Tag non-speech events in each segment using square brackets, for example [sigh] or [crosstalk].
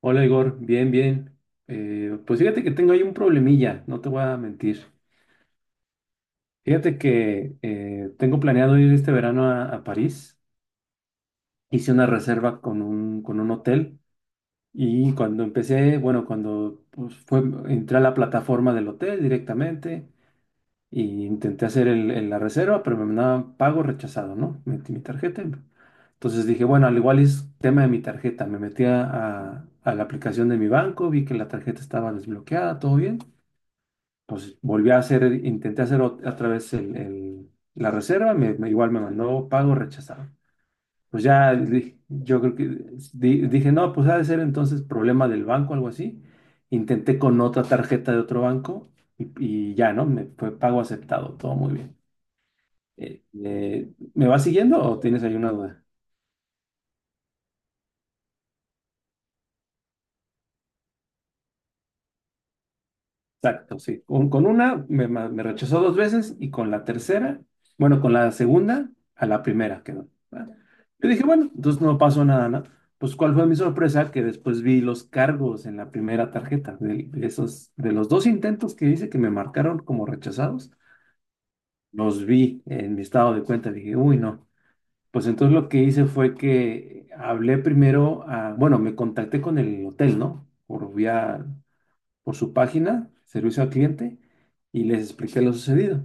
Hola Igor, bien, bien. Pues fíjate que tengo ahí un problemilla, no te voy a mentir. Fíjate que tengo planeado ir este verano a París. Hice una reserva con con un hotel y cuando empecé, bueno, cuando pues, fue, entré a la plataforma del hotel directamente y intenté hacer la reserva, pero me mandaban pago rechazado, ¿no? Metí mi tarjeta. Entonces dije, bueno, al igual es tema de mi tarjeta. Me metí a la aplicación de mi banco, vi que la tarjeta estaba desbloqueada, todo bien. Pues volví a hacer, intenté hacer otra vez la reserva, igual me mandó pago rechazado. Pues ya dije, yo creo que dije, no, pues ha de ser entonces problema del banco, algo así. Intenté con otra tarjeta de otro banco y, y ya, ¿no? Me fue pago aceptado, todo muy bien. ¿Me vas siguiendo o tienes ahí una duda? Exacto, sí. Con una me rechazó dos veces y con la tercera, bueno, con la segunda, a la primera quedó. ¿Va? Yo dije, bueno, entonces no pasó nada, ¿no? Pues cuál fue mi sorpresa que después vi los cargos en la primera tarjeta de esos, de los dos intentos que hice que me marcaron como rechazados, los vi en mi estado de cuenta. Dije, uy, no. Pues entonces lo que hice fue que hablé primero a, bueno, me contacté con el hotel, ¿no? Por vía, por su página, servicio al cliente, y les expliqué lo sucedido.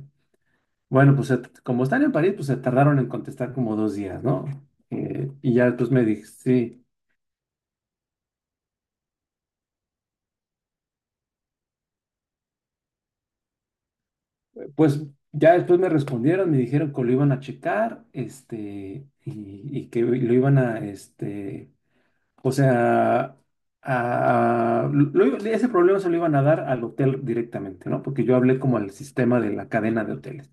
Bueno, pues como están en París, pues se tardaron en contestar como dos días, ¿no? Y ya después me dije, sí, pues ya después me respondieron, me dijeron que lo iban a checar, este, y que lo iban a, este, o sea, ese problema se lo iban a dar al hotel directamente, ¿no? Porque yo hablé como al sistema de la cadena de hoteles.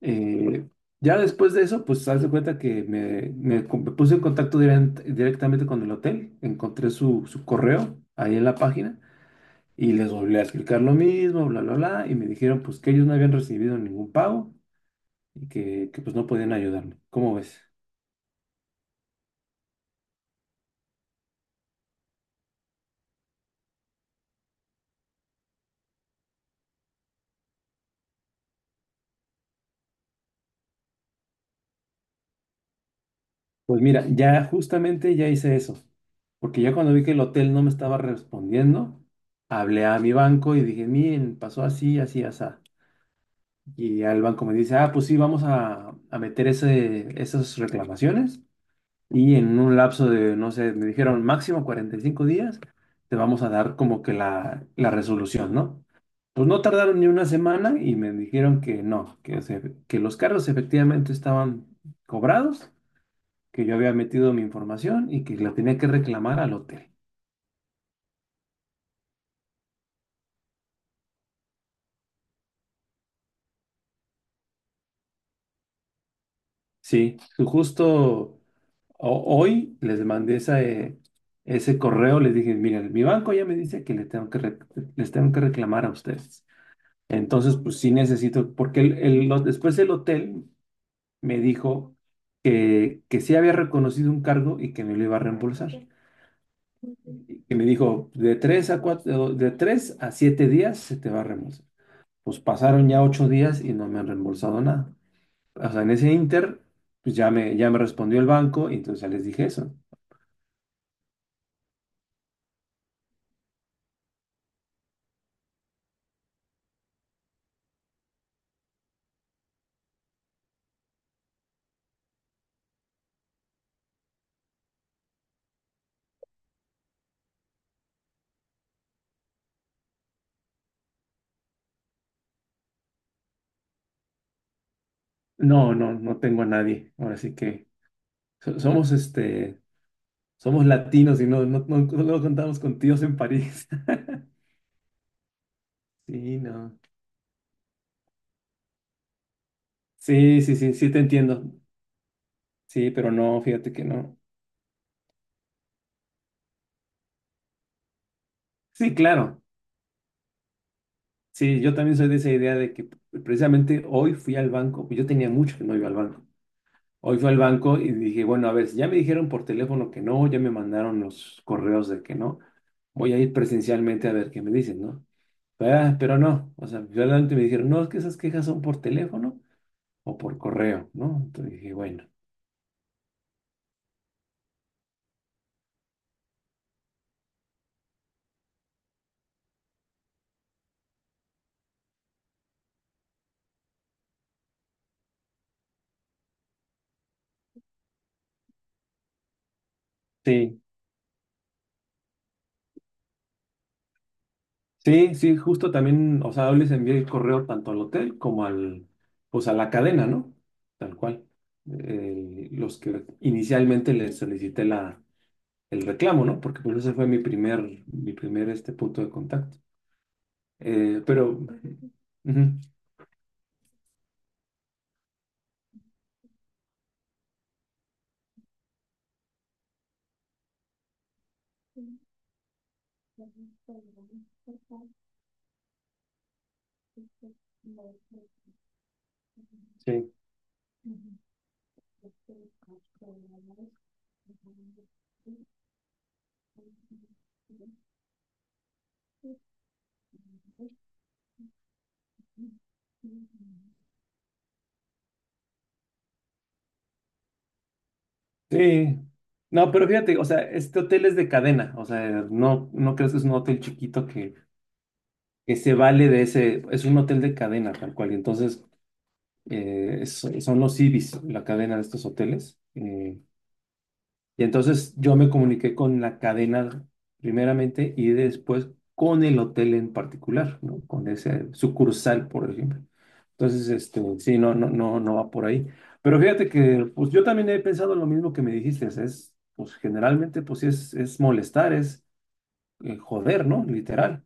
Eh, ya después de eso, pues haz de cuenta que me puse en contacto directamente con el hotel, encontré su correo ahí en la página y les volví a explicar lo mismo, bla, bla, bla, y me dijeron pues que ellos no habían recibido ningún pago y que pues no podían ayudarme. ¿Cómo ves? Pues mira, ya justamente ya hice eso, porque ya cuando vi que el hotel no me estaba respondiendo, hablé a mi banco y dije, miren, pasó así, así, así. Y al banco me dice, ah, pues sí, vamos a meter esas reclamaciones y en un lapso de, no sé, me dijeron máximo 45 días, te vamos a dar como que la resolución, ¿no? Pues no tardaron ni una semana y me dijeron que no, que los cargos efectivamente estaban cobrados, que yo había metido mi información y que la tenía que reclamar al hotel. Sí, su justo hoy les mandé esa, ese correo, les dije, miren, mi banco ya me dice que le tengo que les tengo que reclamar a ustedes. Entonces, pues sí necesito, porque después el hotel me dijo que sí había reconocido un cargo y que me lo iba a reembolsar. Y que me dijo, de tres a cuatro, de tres a siete días se te va a reembolsar. Pues pasaron ya 8 días y no me han reembolsado nada. O sea, en ese inter, pues ya me respondió el banco y entonces ya les dije eso. No, no, no tengo a nadie. Ahora sí que somos este, somos latinos y no, no, no, no contamos con tíos en París. [laughs] Sí, no. Sí, sí, sí, sí te entiendo. Sí, pero no, fíjate que no. Sí, claro. Sí, yo también soy de esa idea de que precisamente hoy fui al banco, yo tenía mucho que no iba al banco. Hoy fui al banco y dije, bueno, a ver, si ya me dijeron por teléfono que no, ya me mandaron los correos de que no, voy a ir presencialmente a ver qué me dicen, ¿no? Ah, pero no, o sea, finalmente me dijeron, no, es que esas quejas son por teléfono o por correo, ¿no? Entonces dije, bueno, sí, sí, sí, justo también, o sea, yo les envié el correo tanto al hotel como al, pues a la cadena, ¿no? Tal cual. Los que inicialmente les solicité el reclamo, ¿no? Porque pues ese fue mi primer este punto de contacto. Eh, pero, ujú, sí. Sí. No, pero fíjate, o sea, este hotel es de cadena, o sea, no, no crees que es un hotel chiquito que se vale de ese, es un hotel de cadena tal cual, y entonces son los Ibis, la cadena de estos hoteles, y entonces yo me comuniqué con la cadena primeramente y después con el hotel en particular, ¿no? Con ese sucursal, por ejemplo. Entonces, este, sí, no, no, no, no va por ahí. Pero fíjate que, pues yo también he pensado lo mismo que me dijiste, es, pues generalmente, pues sí, es molestar, es joder, ¿no? Literal.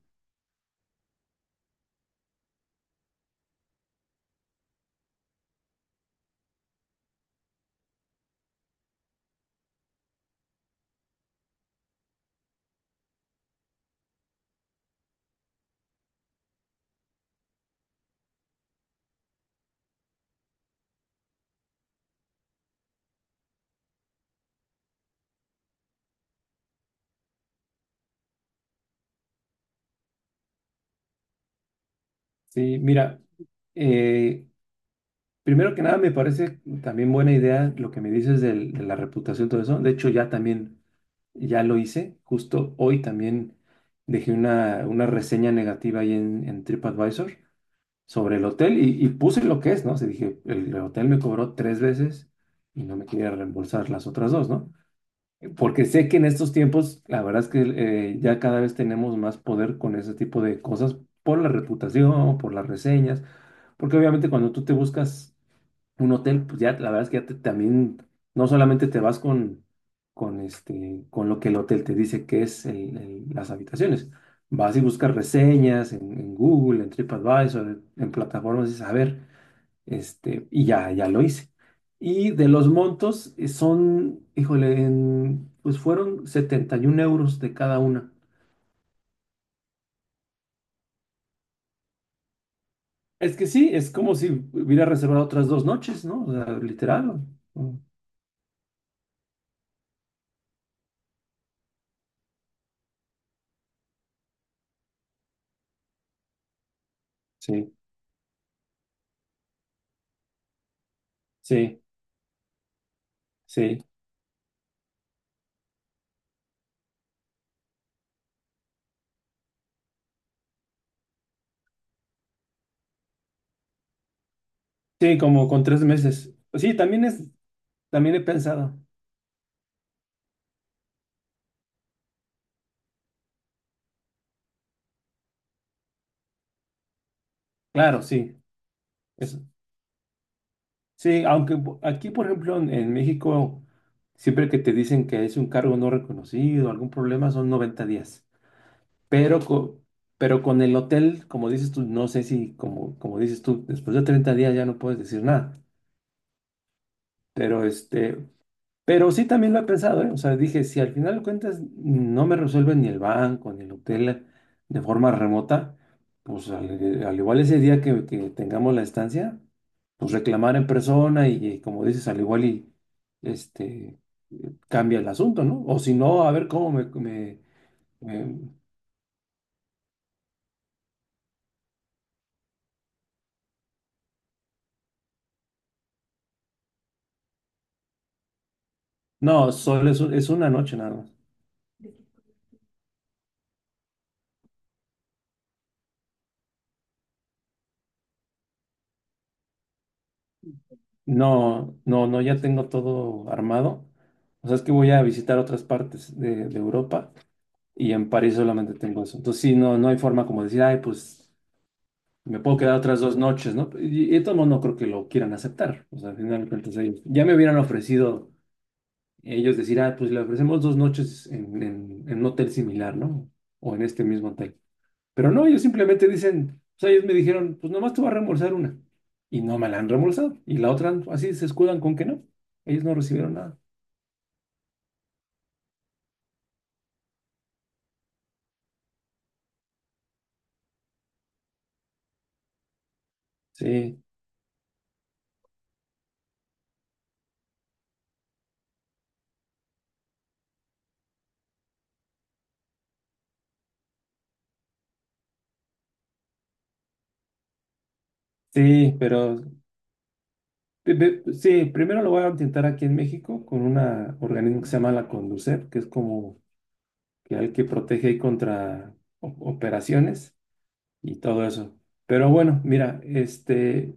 Sí, mira, eh, primero que nada, me parece también buena idea lo que me dices de la reputación, todo eso. De hecho, ya también, ya lo hice. Justo hoy también dejé una reseña negativa ahí en TripAdvisor sobre el hotel y puse lo que es, ¿no? O sea, dije, el hotel me cobró tres veces y no me quería reembolsar las otras dos, ¿no? Porque sé que en estos tiempos, la verdad es que ya cada vez tenemos más poder con ese tipo de cosas por la reputación, por las reseñas, porque obviamente cuando tú te buscas un hotel, pues ya la verdad es que ya también no solamente te vas este, con lo que el hotel te dice que es las habitaciones, vas y buscas reseñas en Google, en TripAdvisor, en plataformas y saber, este, y ya, ya lo hice. Y de los montos son, híjole, pues fueron 71 euros de cada una. Es que sí, es como si hubiera reservado otras dos noches, ¿no? O sea, literal. ¿No? Sí, sí, sí. Sí, como con tres meses. Pues sí, también es, también he pensado. Claro, sí. Eso. Sí, aunque aquí, por ejemplo, en México, siempre que te dicen que es un cargo no reconocido, algún problema, son 90 días. Pero, pero con el hotel, como dices tú, no sé si, como, como dices tú, después de 30 días ya no puedes decir nada. Pero este, pero sí también lo he pensado, ¿eh? O sea, dije, si al final de cuentas no me resuelven ni el banco, ni el hotel de forma remota, pues al igual ese día que tengamos la estancia, pues reclamar en persona y como dices, al igual y este cambia el asunto, ¿no? O si no, a ver cómo me- no, solo es, es una noche nada más. No, no, no, ya tengo todo armado. O sea, es que voy a visitar otras partes de Europa. Y en París solamente tengo eso. Entonces, sí, no, no hay forma como decir, ay, pues me puedo quedar otras dos noches, ¿no? Y de todos modos no creo que lo quieran aceptar. O sea, al final de cuentas, ellos ya me hubieran ofrecido ellos decir, ah, pues le ofrecemos dos noches en un hotel similar, ¿no? O en este mismo hotel. Pero no, ellos simplemente dicen, o sea, ellos me dijeron, pues nomás te va a reembolsar una. Y no me la han reembolsado. Y la otra, así se escudan con que no. Ellos no recibieron nada. Sí, sí, pero sí, primero lo voy a intentar aquí en México con un organismo que se llama la Conducef, que es como que al que protege ahí contra operaciones y todo eso. Pero bueno, mira, este,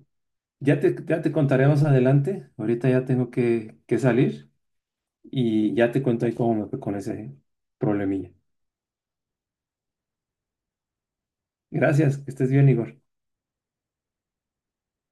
ya te contaré más adelante. Ahorita ya tengo que salir y ya te cuento ahí cómo me fue con ese problemilla. Gracias, que estés bien, Igor.